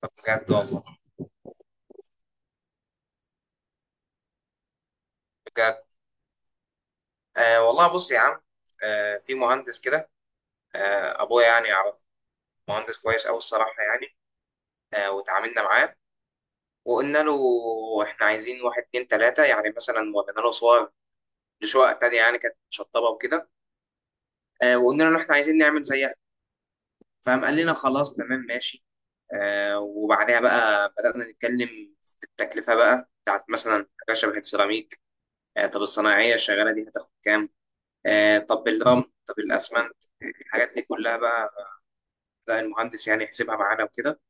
طب بجد والله. بجد. آه والله، بص يا عم. آه، في مهندس كده، آه ابويا يعني يعرف. مهندس كويس قوي الصراحه يعني. آه وتعاملنا معاه وقلنا له احنا عايزين واحد اتنين تلاته، يعني مثلا ورينا له صور لشقق تانيه يعني كانت شطبه وكده. آه وقلنا له احنا عايزين نعمل زيها، فقام قال لنا خلاص تمام ماشي. آه وبعدها بقى بدأنا نتكلم في التكلفه بقى بتاعت مثلا حاجه شبه السيراميك. آه، طب الصناعيه الشغاله دي هتاخد كام؟ آه، طب اللمب، طب الاسمنت، الحاجات دي كلها بقى. لا، المهندس يعني يحسبها معانا وكده.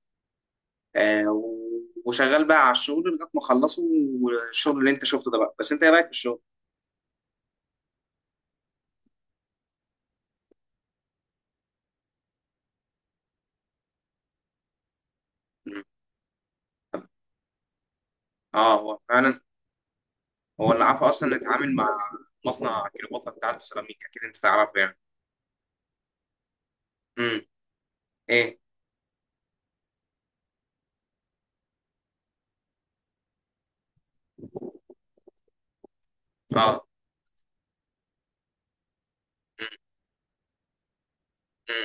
آه، و- وشغال بقى على الشغل لغايه ما اخلصه. والشغل اللي انت شفته ده بقى، بس انت ايه رايك في الشغل؟ مم. اه، هو فعلا. هو اللي عارف اصلا نتعامل مع مصنع كليوباترا بتاع السيراميك، اكيد انت تعرفه يعني. امم. ايه. اه. مم. مم.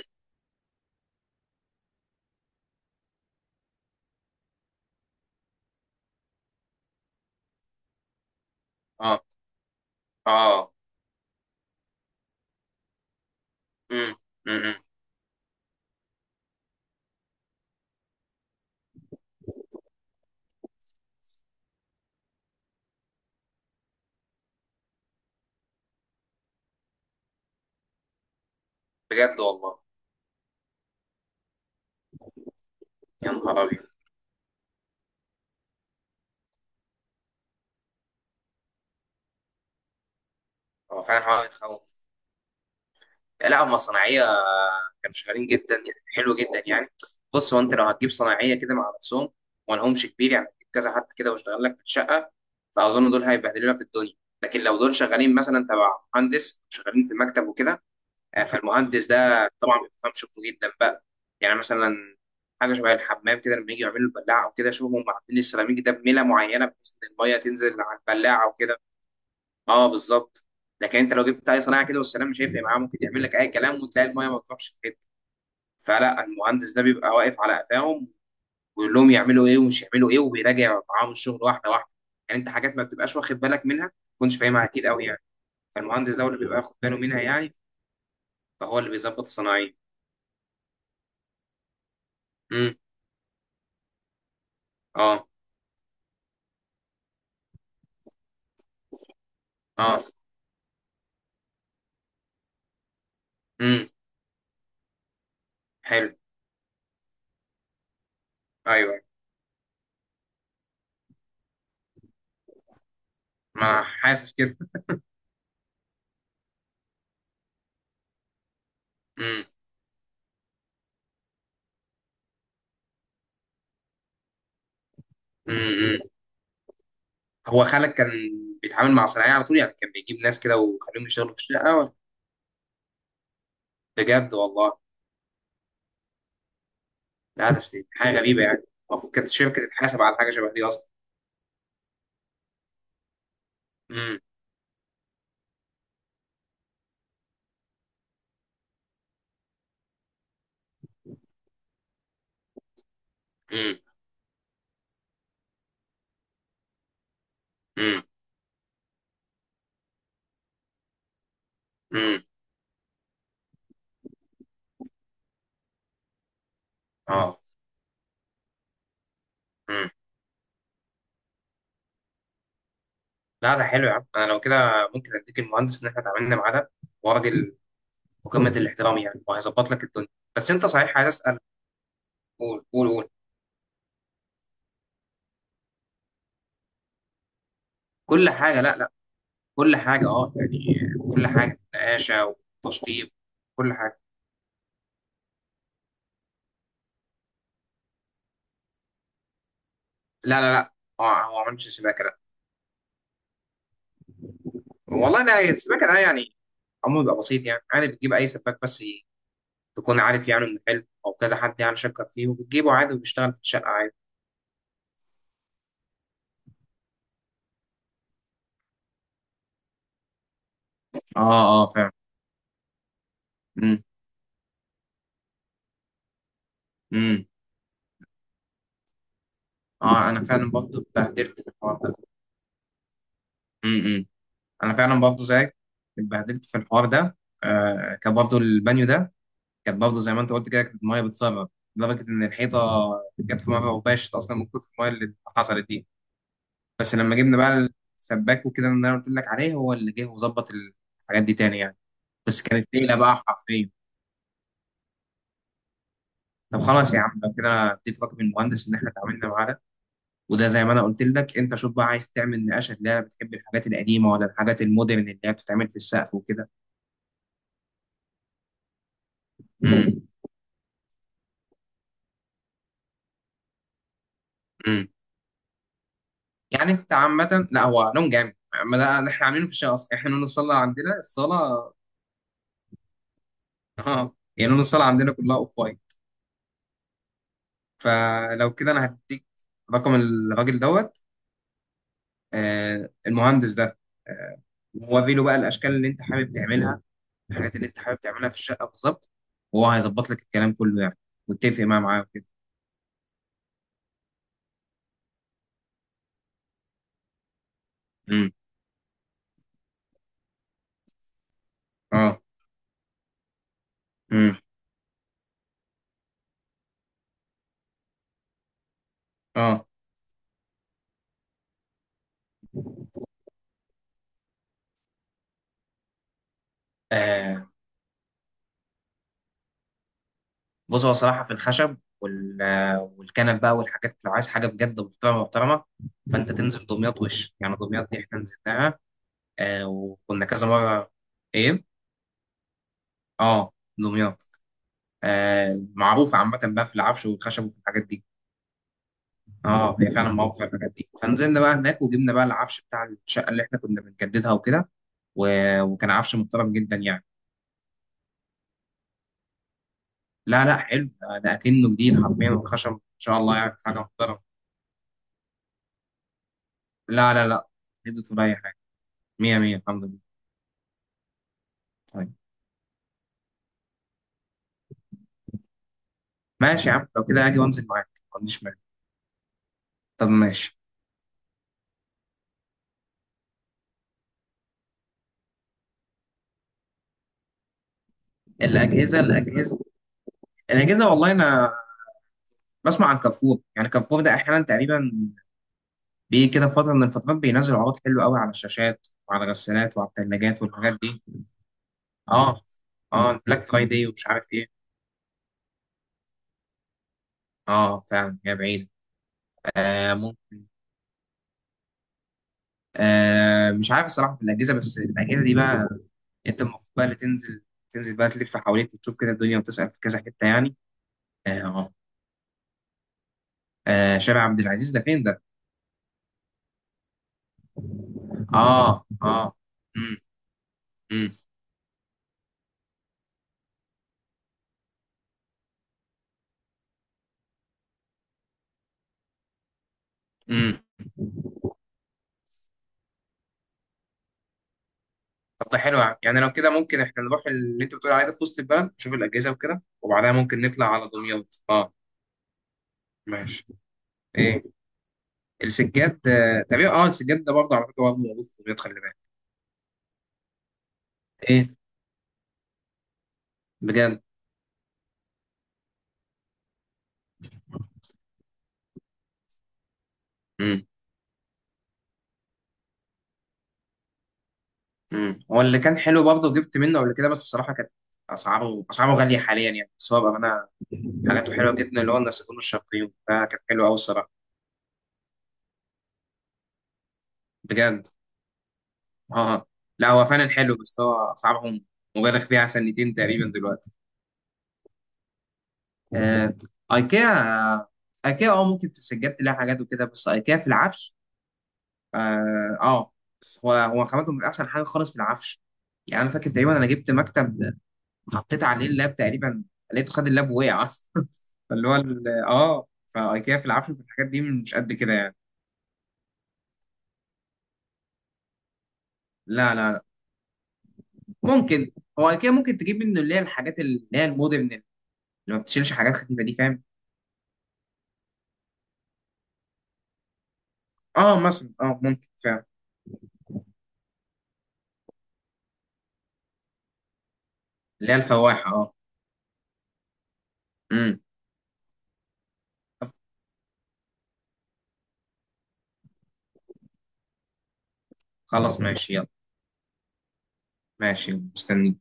اه. اه. امم. امم. بجد والله. يا نهار ابيض. هو فعلا حوار يخوف. لا، هم صناعيه كانوا شغالين جدا يعني، حلو جدا يعني. بص، هو انت لو هتجيب صناعيه كده مع نفسهم ومالهمش كبير، يعني هتجيب كذا حد كده واشتغل لك في الشقه، فاظن دول هيبهدلوا لك الدنيا. لكن لو دول شغالين مثلا تبع مهندس، شغالين في مكتب وكده، آه، فالمهندس ده طبعا بيفهم شغله جدا بقى. يعني مثلا حاجه شبه الحمام كده، لما يجي يعملوا البلاعه او كده، شوفوا هم عاملين السيراميك ده بميله معينه، بحيث ان الميه تنزل على البلاعه وكده. اه بالظبط. لكن انت لو جبت اي صناعه كده والسلام، مش هيفرق معاه، ممكن يعمل لك اي كلام وتلاقي المايه ما بتروحش في حته. فلا، المهندس ده بيبقى واقف على قفاهم ويقول لهم يعملوا ايه ومش يعملوا ايه، وبيراجع معاهم الشغل واحده واحده. يعني انت حاجات ما بتبقاش واخد بالك منها، ما تكونش فاهمها اكيد قوي يعني. فالمهندس ده هو اللي بيبقى واخد باله منها يعني، فهو اللي بيظبط الصناعيه. امم. اه. اه. امم. حلو. ايوه ايوه. ما حاسس كده. امم. امم. هو خالك كان بيتعامل مع صناعيه على طول يعني؟ كان بيجيب ناس كده ويخليهم يشتغلوا في الشقه، ولا؟ بجد والله. لا، تسليم حاجه غريبه يعني، المفروض كانت الشركه تتحاسب على حاجه شبه دي اصلا. امم. امم. امم. امم. اه. امم. لا، ده حلو يا عم. انا لو كده ممكن اديك المهندس ان احنا اتعاملنا معاه ده، وراجل مقامة الاحترام يعني، وهيظبط لك الدنيا. بس انت صحيح عايز اسال. قول قول قول. كل حاجه، لا لا، كل حاجه اه يعني، كل حاجه نقاشه وتشطيب، كل حاجه. لا لا لا، هو ما عملش سباكه، لا. والله لا، السباكه ده يعني عمره بيبقى بسيط يعني، عادي، بتجيب اي سباك، بس تكون عارف يعني انه حلو او كذا حد يعني شكر فيه، وبتجيبه عادي، وبيشتغل في الشقه عادي. اه. اه فعلا. امم. امم. اه، انا فعلا برضه اتبهدلت في الحوار ده. امم. انا فعلا برضه زيك، اتبهدلت في الحوار ده. آه، كان برضه البانيو ده كان برضه زي ما انت قلت كده، كانت الميه بتسرب لدرجه ان الحيطه جت في مره وباشت اصلا من كتر الميه اللي حصلت دي. بس لما جبنا بقى السباك وكده، اللي انا قلت لك عليه، هو اللي جه وظبط الحاجات دي تاني يعني. بس كانت ليله بقى حرفيا. طب خلاص يا عم، لو كده انا اتفق من المهندس ان احنا اتعاملنا معاه ده. وده زي ما انا قلت لك، انت شوف بقى، عايز تعمل نقاشه اللي هي بتحب الحاجات القديمه ولا الحاجات المودرن اللي هي بتتعمل في السقف وكده. امم. امم. يعني انت عامه، لا هو لون جامد، ما ده اللي احنا عاملينه في الشقه اصلا. احنا لون الصاله عندنا، الصاله اه، يعني لون الصاله عندنا كلها اوف وايت. فلو كده انا هديك رقم الراجل دوت آه، المهندس ده، آه. ووري له بقى الاشكال اللي انت حابب تعملها، الحاجات اللي انت حابب تعملها في الشقه بالظبط، وهو هيظبط لك الكلام كله يعني. واتفق معاه وكده. امم. اه. امم. اه. آه، بص، هو صراحه في الخشب وال آه، والكنب بقى والحاجات، لو عايز حاجه بجد محترمه محترمه، فانت تنزل دمياط وش. يعني دمياط دي احنا نزلناها، آه وكنا كذا مره. ايه. اه دمياط. آه، معروفه عامه بقى في العفش والخشب وفي الحاجات دي. اه هي فعلا معروفه في الحاجات دي. فنزلنا بقى هناك وجبنا بقى العفش بتاع الشقه اللي احنا كنا بنجددها وكده، و- وكان عفش محترم جدا يعني. لا لا، حلو ده، ده اكنه جديد حرفيا. الخشب ان شاء الله يعني حاجه محترمه. لا لا لا، جبت ولا اي حاجه، مية مية الحمد لله. طيب، ماشي يا عم، لو كده اجي وانزل معاك، ما عنديش مانع. طب ماشي. الاجهزه، الاجهزه والله انا بسمع عن كارفور. يعني كارفور ده احيانا تقريبا بيجي كده فتره من الفترات بينزل عروض حلوه قوي على الشاشات وعلى الغسالات وعلى الثلاجات والحاجات دي. اه. اه، بلاك فرايداي ومش عارف ايه. اه فعلا، هي بعيد. آه. آه، مش عارف الصراحه في الاجهزه، بس الاجهزه دي بقى انت المفروض بقى اللي تنزل، تنزل بقى، تلف حواليك وتشوف كده الدنيا وتسال في كذا حته يعني. آه. آه، شارع عبد العزيز ده فين ده؟ اه. اه. امم. امم. امم. طب ده حلو يعني. يعني لو كده ممكن احنا نروح اللي انت بتقول عليه ده في وسط البلد، نشوف الاجهزه وكده، وبعدها ممكن نطلع على دمياط، اه. ماشي. ايه. السجاد، آه، تقريبا، اه السجاد ده برضه على فكره برضه موجود في دمياط، خلي بالك. ايه. بجد. امم، هو اللي كان حلو برضه، جبت منه قبل كده، بس الصراحه كانت اسعاره، اسعاره غاليه حاليا يعني. بس هو بامانه حاجاته حلوه جدا، اللي هو النسيجون الشرقيون ده كان حلو قوي الصراحه. بجد. اه. لا، هو فعلا حلو، بس هو اسعارهم مبالغ فيها سنتين تقريبا دلوقتي. آه. ايكيا. آه. ايكيا، اه ممكن في السجاد تلاقي حاجات وكده، بس ايكيا في العفش، اه، آه. بس هو، هو خامته من احسن حاجه خالص في العفش. يعني انا فاكر تقريبا انا جبت مكتب، حطيت عليه اللاب تقريبا، لقيته خد اللاب ووقع اصلا. فاللي هو فايكيا في العافيه في الحاجات دي مش قد كده يعني. لا لا لا، ممكن. هو ايكيا ممكن تجيب منه اللي هي الحاجات اللي هي المودرن، اللي ما بتشيلش حاجات خفيفه دي، فاهم. اه مثلا، اه ممكن فعلا. اللي هي الفواحه، اه. امم. طب خلاص ماشي، يلا. ماشي، مستني.